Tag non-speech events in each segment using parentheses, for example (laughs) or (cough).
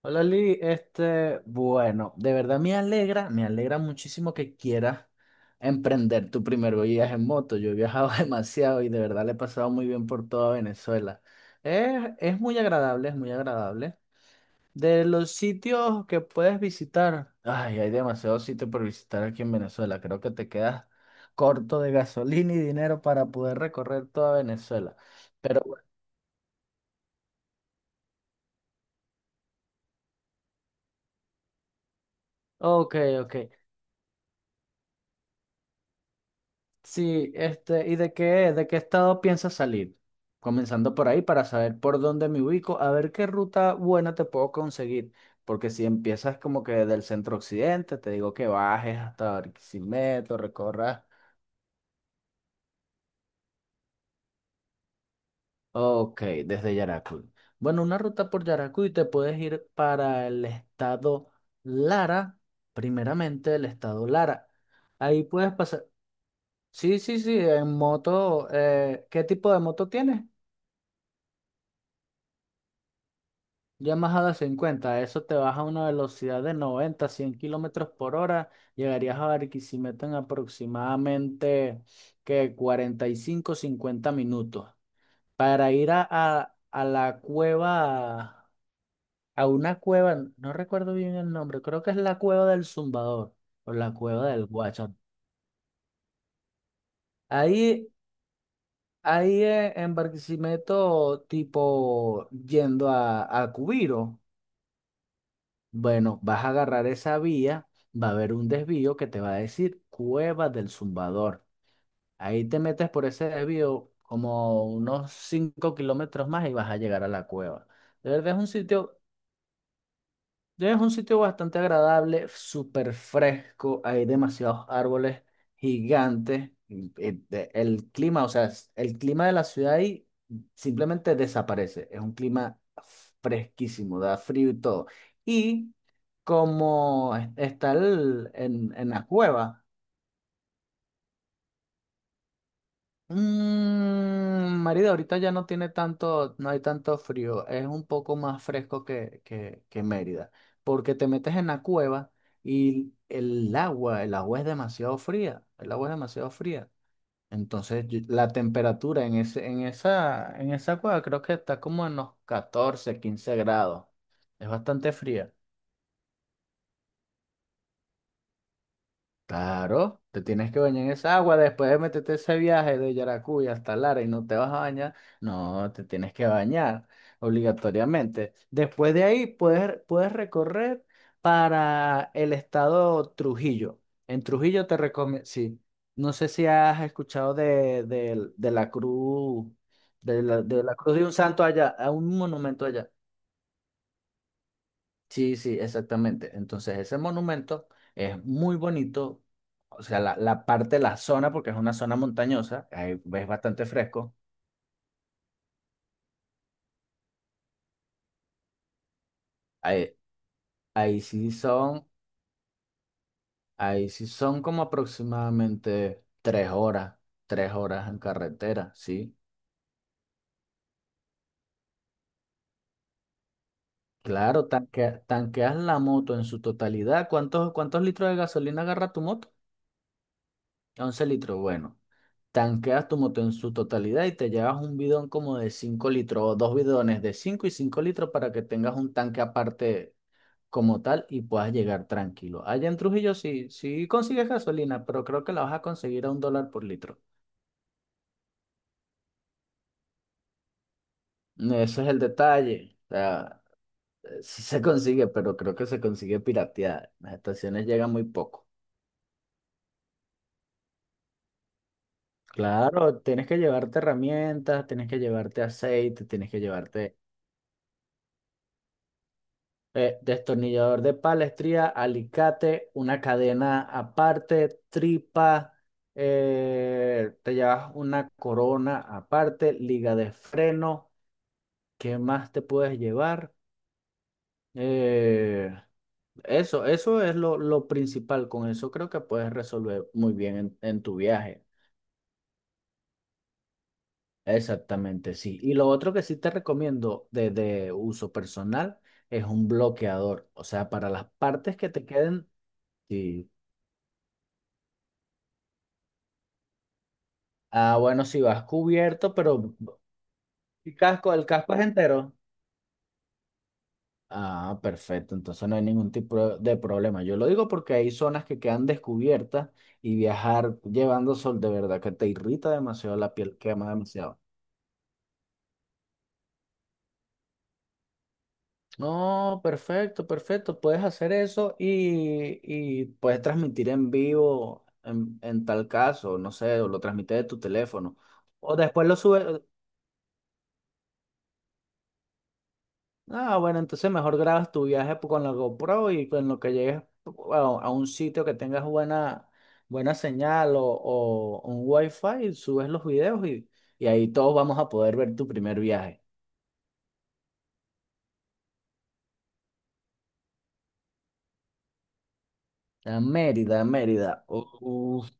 Hola Lee, bueno, de verdad me alegra muchísimo que quieras emprender tu primer viaje en moto. Yo he viajado (laughs) demasiado y de verdad le he pasado muy bien por toda Venezuela. Es muy agradable, es muy agradable. De los sitios que puedes visitar, ay, hay demasiados sitios por visitar aquí en Venezuela. Creo que te quedas corto de gasolina y dinero para poder recorrer toda Venezuela. Pero, bueno, ok, ok. Sí, ¿y de qué estado piensas salir? Comenzando por ahí para saber por dónde me ubico, a ver qué ruta buena te puedo conseguir. Porque si empiezas como que del centro occidente, te digo que bajes hasta Barquisimeto, recorras. Ok, desde Yaracuy. Bueno, una ruta por Yaracuy te puedes ir para el estado Lara, primeramente el estado Lara. Ahí puedes pasar. Sí, sí, sí, en moto. ¿Qué tipo de moto tienes? Yamaha de 50, eso te baja a una velocidad de 90-100 km/h, llegarías a Barquisimeto en aproximadamente que 45-50 minutos. Para ir a la cueva, a una cueva, no recuerdo bien el nombre, creo que es la cueva del Zumbador o la cueva del Guachar. Ahí, ahí en Barquisimeto, tipo yendo a Cubiro. Bueno, vas a agarrar esa vía, va a haber un desvío que te va a decir Cueva del Zumbador. Ahí te metes por ese desvío como unos 5 km más y vas a llegar a la cueva. De verdad es un sitio bastante agradable, súper fresco, hay demasiados árboles gigantes. El clima, o sea, el clima de la ciudad ahí simplemente desaparece. Es un clima fresquísimo, da frío y todo. Y como es- está el- en la cueva, Mérida ahorita ya no tiene tanto, no hay tanto frío, es un poco más fresco que Mérida, porque te metes en la cueva y el agua es demasiado fría, el agua es demasiado fría. Entonces la temperatura en esa cueva creo que está como en los 14-15 grados, es bastante fría. Claro, te tienes que bañar en esa agua después de meterte ese viaje de Yaracuy hasta Lara y no te vas a bañar. No, te tienes que bañar obligatoriamente. Después de ahí puedes recorrer para el estado Trujillo. En Trujillo te recomiendo, sí, no sé si has escuchado de la cruz, de la cruz de un santo allá, a un monumento allá. Sí, sí, exactamente. Entonces, ese monumento es muy bonito. O sea, la parte de la zona, porque es una zona montañosa, ahí ves bastante fresco. Ahí, ahí sí son, ahí sí son como aproximadamente 3 horas, 3 horas en carretera, ¿sí? Claro, tanqueas la moto en su totalidad. ¿Cuántos litros de gasolina agarra tu moto? 11 litros, bueno. Tanqueas tu moto en su totalidad y te llevas un bidón como de 5 litros o dos bidones de 5 y 5 litros para que tengas un tanque aparte como tal y puedas llegar tranquilo. Allá en Trujillo sí, sí consigues gasolina, pero creo que la vas a conseguir a $1 por litro. Ese es el detalle. O sea, sí se consigue, pero creo que se consigue pirateada. Las estaciones llegan muy poco. Claro, tienes que llevarte herramientas, tienes que llevarte aceite, tienes que llevarte. Destornillador de palestría, alicate, una cadena aparte, tripa, te llevas una corona aparte, liga de freno, ¿qué más te puedes llevar? Eh, eso, eso es lo principal, con eso creo que puedes resolver muy bien en tu viaje. Exactamente, sí. Y lo otro que sí te recomiendo de uso personal es un bloqueador, o sea, para las partes que te queden... Sí, ah, bueno, si vas cubierto, pero ¿y casco? ¿El casco es entero? Ah, perfecto. Entonces no hay ningún tipo de problema. Yo lo digo porque hay zonas que quedan descubiertas y viajar llevando sol de verdad que te irrita demasiado la piel, quema demasiado. No, perfecto, perfecto. Puedes hacer eso y puedes transmitir en vivo en tal caso, no sé, o lo transmites de tu teléfono. O después lo subes, ah, bueno, entonces mejor grabas tu viaje con la GoPro y con lo que llegues a un sitio que tengas buena señal o un wifi, subes los videos y ahí todos vamos a poder ver tu primer viaje. A Mérida, Mérida. Uf,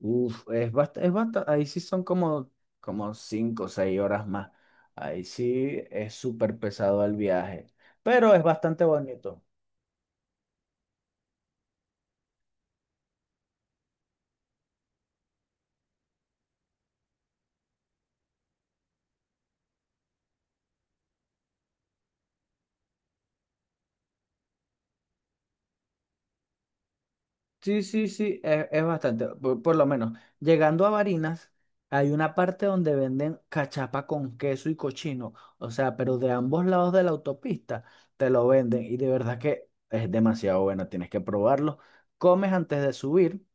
uf, es bastante, es basta- ahí sí son como 5 o 6 horas más. Ahí sí es súper pesado el viaje, pero es bastante bonito. Sí, sí, sí, es bastante, por lo menos. Llegando a Barinas, hay una parte donde venden cachapa con queso y cochino, o sea, pero de ambos lados de la autopista te lo venden y de verdad que es demasiado bueno, tienes que probarlo. Comes antes de subir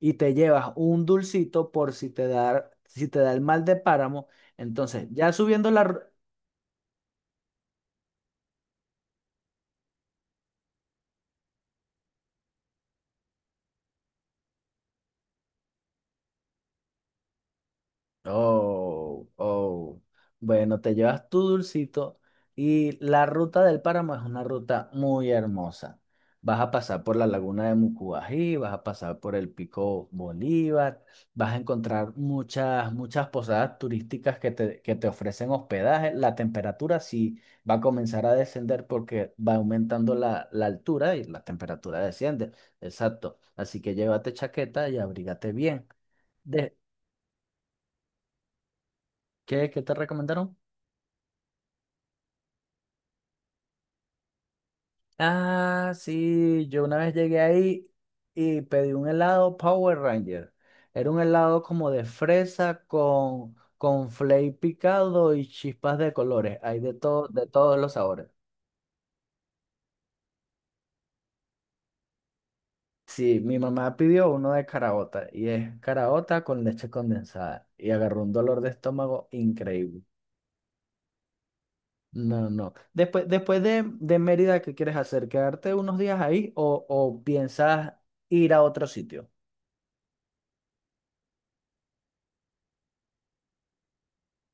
y te llevas un dulcito por si te da, si te da el mal de páramo. Entonces, ya subiendo la, oh, oh. Bueno, te llevas tu dulcito y la ruta del páramo es una ruta muy hermosa. Vas a pasar por la laguna de Mucubají, vas a pasar por el Pico Bolívar, vas a encontrar muchas, muchas posadas turísticas que te ofrecen hospedaje. La temperatura sí va a comenzar a descender porque va aumentando la altura y la temperatura desciende. Exacto. Así que llévate chaqueta y abrígate bien. De, qué te recomendaron? Ah, sí, yo una vez llegué ahí y pedí un helado Power Ranger. Era un helado como de fresa con flake picado y chispas de colores. Hay de todo, de todos los sabores. Sí, mi mamá pidió uno de caraota y es caraota con leche condensada y agarró un dolor de estómago increíble. No, no. Después de Mérida, ¿qué quieres hacer? ¿Quedarte unos días ahí o piensas ir a otro sitio?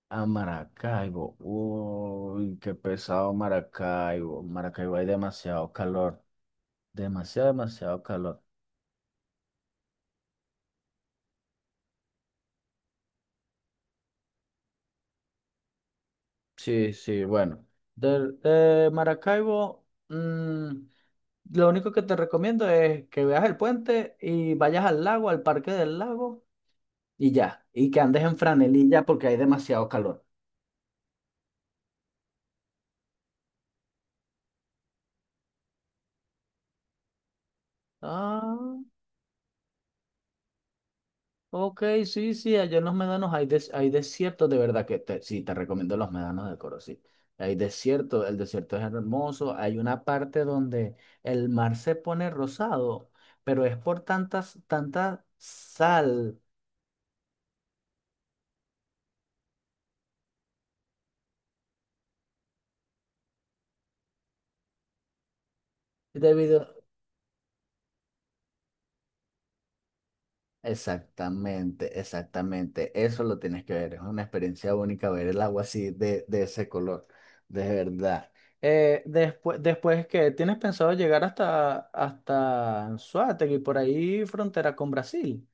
A Maracaibo. Uy, qué pesado Maracaibo. Maracaibo hay demasiado calor. Demasiado, demasiado calor. Sí, sí, bueno. De Maracaibo, lo único que te recomiendo es que veas el puente y vayas al lago, al parque del lago, y ya. Y que andes en franelilla porque hay demasiado calor. Ah. Ok, sí, sí, allá en los médanos hay desiertos, de verdad que sí, te recomiendo los médanos de Coro, sí. Hay desierto, el desierto es hermoso, hay una parte donde el mar se pone rosado, pero es por tanta sal debido. Exactamente, exactamente. Eso lo tienes que ver. Es una experiencia única ver el agua así de ese color. De verdad. Después, que tienes pensado llegar hasta Anzoátegui, por ahí frontera con Brasil.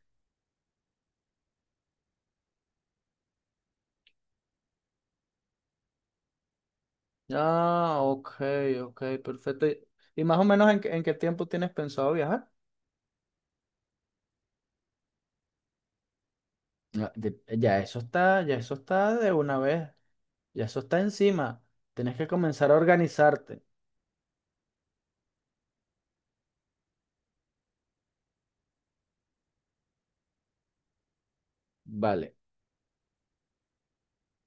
Ah, ok, ok, perfecto. ¿Y más o menos en qué tiempo tienes pensado viajar? No, ya eso está, ya eso está de una vez. Ya eso está encima. Tienes que comenzar a organizarte. Vale.